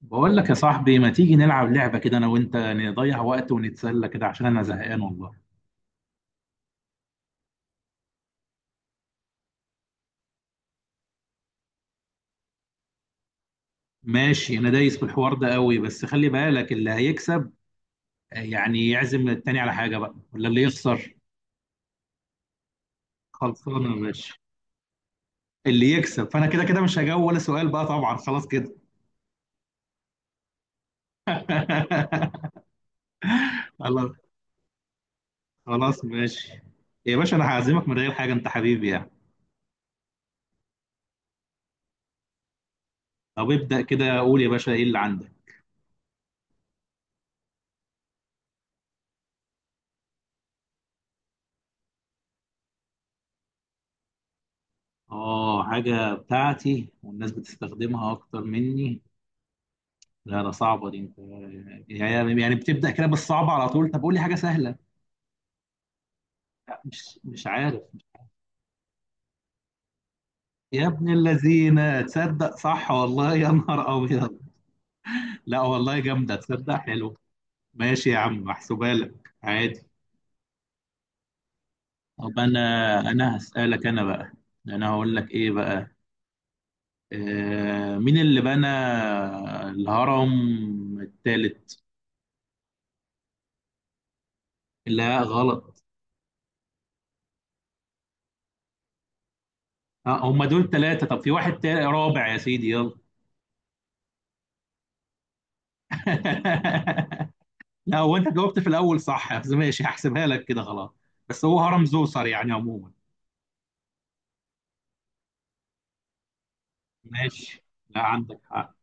بقول لك يا صاحبي ما تيجي نلعب لعبة كده أنا وأنت نضيع وقت ونتسلى كده عشان أنا زهقان والله. ماشي أنا دايس في الحوار ده قوي، بس خلي بالك اللي هيكسب يعني يعزم التاني على حاجة بقى ولا اللي يخسر؟ خلصانة يا باشا. اللي يكسب، فأنا كده كده مش هجاوب ولا سؤال بقى طبعا، خلاص كده. خلاص خلاص ماشي. يا باشا أنا هعزمك من غير حاجة، أنت حبيبي يعني. طب ابدأ كده، قول يا باشا إيه اللي عندك؟ آه، حاجة بتاعتي والناس بتستخدمها أكتر مني. لا ده صعبة دي انت. يعني يعني بتبدأ كده بالصعب على طول، طب قول لي حاجة سهلة. لا، مش عارف. يا ابن الذين تصدق، صح والله، يا نهار أبيض. لا والله جامدة، تصدق حلو. ماشي يا عم، محسوبة لك عادي. طب أنا هسألك أنا بقى. أنا هقول لك إيه بقى. آه، مين اللي بنى الهرم التالت؟ لا، غلط. آه هم دول ثلاثة، طب في واحد تالت رابع يا سيدي، يلا. لا هو انت جاوبت في الاول صح، بس ماشي هحسبها لك كده خلاص. بس هو هرم زوسر يعني عموما. ماشي. لا عندك حق.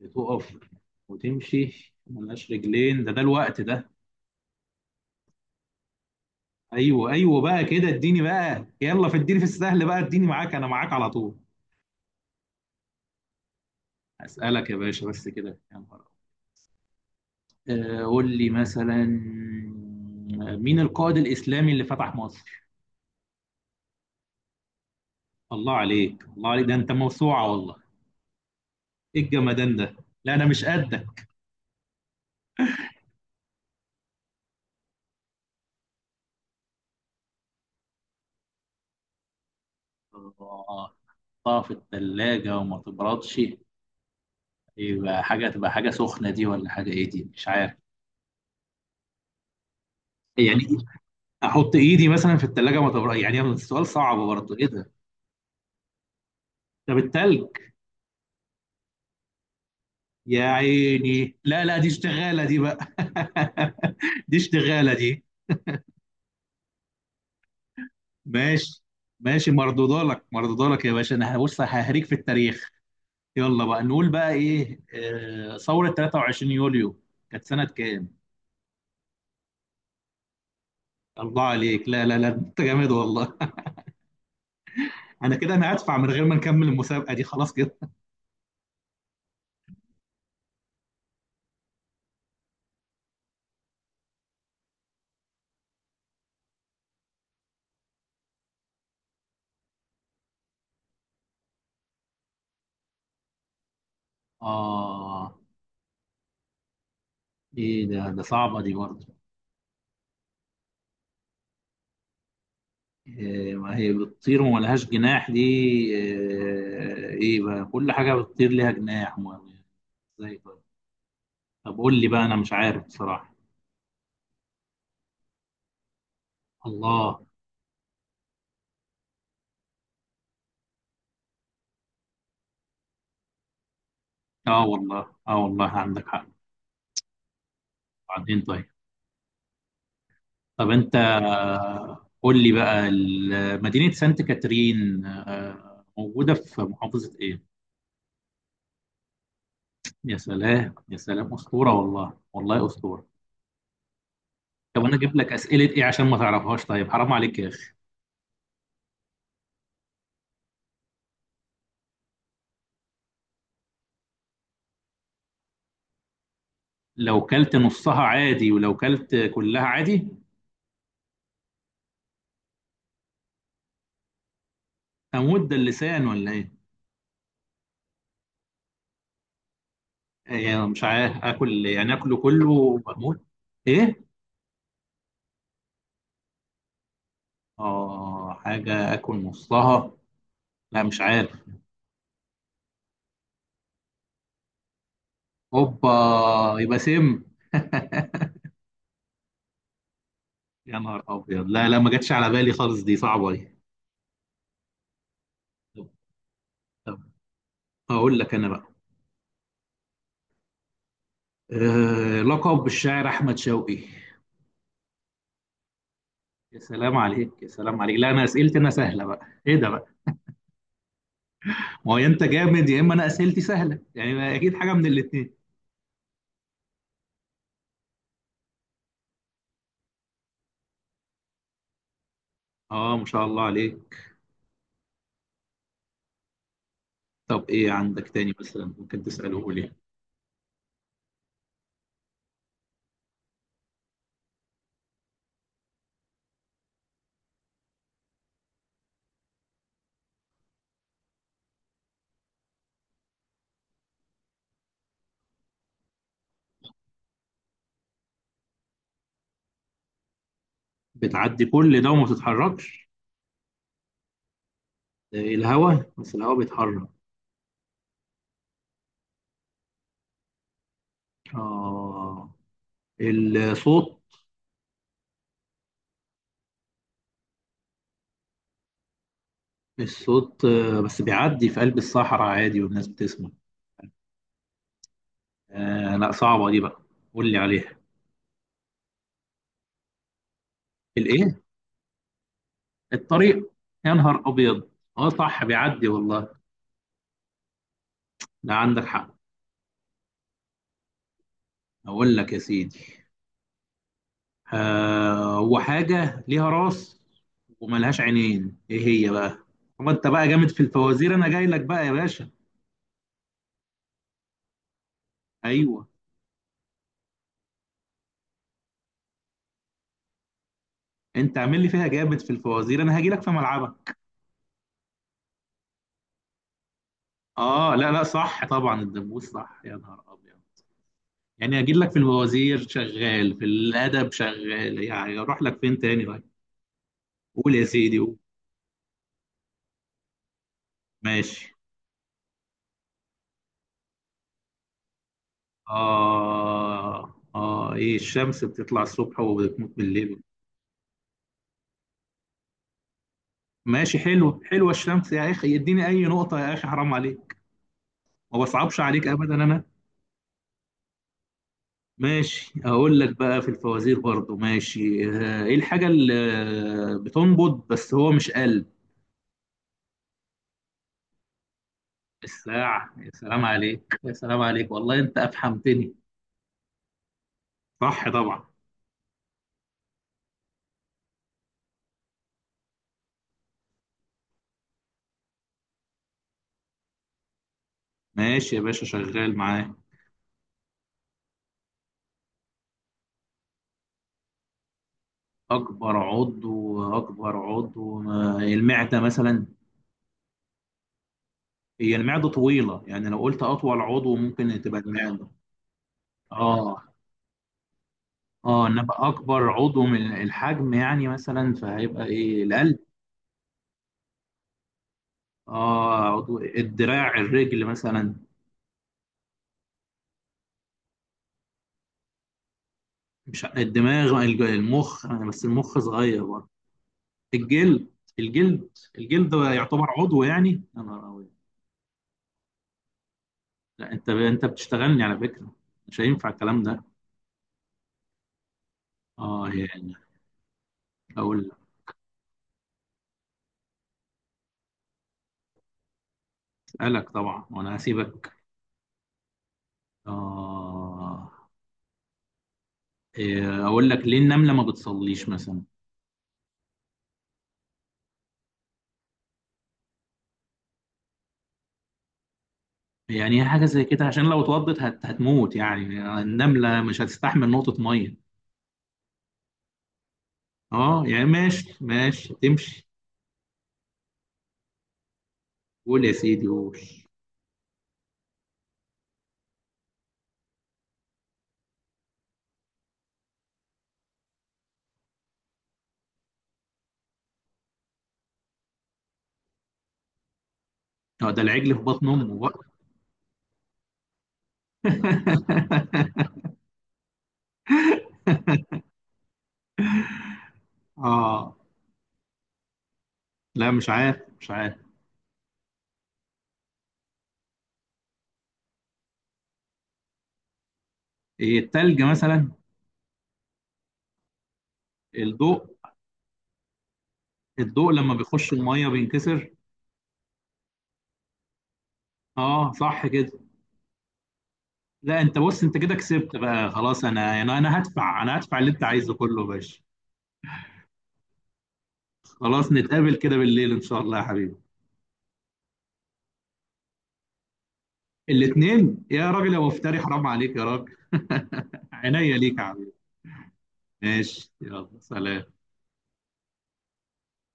بتقف وتمشي ملهاش رجلين؟ ده الوقت ده. ايوه بقى كده، اديني بقى يلا، في اديني في السهل بقى، اديني معاك انا معاك على طول. اسالك يا باشا، بس كده، يا نهار أبيض. قول لي مثلا، مين القائد الاسلامي اللي فتح مصر؟ الله عليك، الله عليك، ده انت موسوعه والله. ايه الجمدان ده؟ لا انا مش قدك. الله. تحطها في الثلاجة وما تبردش؟ يبقى حاجة، تبقى حاجة سخنة دي، ولا حاجة ايه دي مش عارف. يعني احط ايدي مثلا في الثلاجة ما تبردش؟ يعني السؤال صعب برضه، ايه ده؟ طب التلج. يا عيني، لا دي اشتغالة دي بقى. دي اشتغالة دي. ماشي. مردودة لك، مردودة لك يا باشا، انا بص ههريك في التاريخ. يلا بقى نقول بقى ايه، ثورة 23 يوليو كانت سنة كام؟ الله عليك، لا انت جامد والله. انا كده انا هدفع من غير ما نكمل المسابقه دي، خلاص كده. اه، ايه ده؟ صعبه دي برضه. إيه، ما هي بتطير وما لهاش جناح، دي إيه؟ ايه بقى كل حاجه بتطير ليها جناح، ازاي؟ طيب، طب قول لي بقى انا مش عارف بصراحه. الله. اه والله، اه والله عندك حق. بعدين طيب. طب انت، قول لي بقى مدينه سانت كاترين موجوده في محافظه ايه؟ يا سلام يا سلام، اسطوره والله، والله اسطوره. طب انا اجيب لك اسئله ايه عشان ما تعرفهاش؟ طيب حرام عليك يا اخي. لو كلت نصها عادي ولو كلت كلها عادي؟ اموت، ده اللسان ولا ايه؟ إيه مش عارف، اكل يعني اكله كله واموت؟ ايه؟ اه حاجه اكل نصها، لا مش عارف. اوبا، يبقى سم. يا نهار ابيض، لا ما جاتش على بالي خالص، دي صعبه دي. طب، طب هقول لك انا بقى. أه، لقب الشاعر احمد شوقي. يا سلام عليك، يا سلام عليك. لا انا اسئلتي انا سهله بقى، ايه ده بقى؟ ما هو يا انت جامد، يا اما انا اسئلتي سهله، يعني ما اكيد حاجه من الاثنين. اه ما شاء الله عليك. طب ايه عندك تاني مثلا ممكن تساله لي؟ بتعدي كل ده وما بتتحركش؟ آه، الهواء، بس الهواء بيتحرك. اه، الصوت. الصوت بس بيعدي في قلب الصحراء عادي والناس بتسمع. آه لا، صعبه دي بقى، قول لي عليها. الايه؟ الطريق. يا نهار ابيض، اه صح بيعدي والله. لا عندك حق. اقول لك يا سيدي. آه، وحاجة ليها راس وملهاش عينين، ايه هي بقى؟ هو انت بقى جامد في الفوازير، انا جاي لك بقى يا باشا. ايوه. انت عامل لي فيها جامد في الفوازير، انا هاجي لك في ملعبك. اه لا صح طبعا، الدبوس، صح، يا نهار ابيض. يعني هاجي لك في الفوازير شغال، في الادب شغال، يعني اروح لك فين تاني بقى؟ قول يا سيدي قول. ماشي. اه اه، ايه الشمس بتطلع الصبح وبتموت بالليل. ماشي حلو، حلوه الشمس يا اخي، يديني اي نقطه يا اخي، حرام عليك، ما بصعبش عليك ابدا انا. ماشي اقول لك بقى في الفوازير برضو، ماشي، ايه الحاجه اللي بتنبض بس هو مش قلب؟ الساعه، يا سلام عليك، يا سلام عليك، والله انت افهمتني، صح طبعا. ماشي يا باشا، شغال معاه. اكبر عضو المعده مثلا. هي المعده طويله، يعني لو قلت اطول عضو ممكن تبقى المعده. اه اه، ان ابقى اكبر عضو من الحجم يعني مثلا، فهيبقى ايه، القلب. اه، عضو، الدراع، الرجل مثلا. مش الدماغ، المخ، بس المخ صغير برضه. الجلد. الجلد. الجلد؟ يعتبر عضو يعني؟ يا نهار أبيض. لا انت بتشتغلني على فكره، مش هينفع الكلام ده. اه يعني. اقول لك. اسالك طبعا وانا هسيبك. اه. إيه، اقول لك ليه النمله ما بتصليش مثلا؟ يعني هي حاجة زي كده، عشان لو اتوضت هتموت يعني، النملة مش هتستحمل نقطة مية. اه يعني ماشي، تمشي. قول يا سيدي قول. اه، ده العجل في بطن امه بقى. اه لا، مش عارف. إيه، التلج مثلا. الضوء. الضوء لما بيخش المية بينكسر. اه صح كده. لا انت بص، انت كده كسبت بقى خلاص، انا هدفع، هدفع اللي انت عايزه كله يا باشا. خلاص نتقابل كده بالليل ان شاء الله يا حبيبي. الاثنين يا راجل، يا مفتري، حرام عليك يا راجل. عينيا ليك يا عم. ماشي يلا سلام.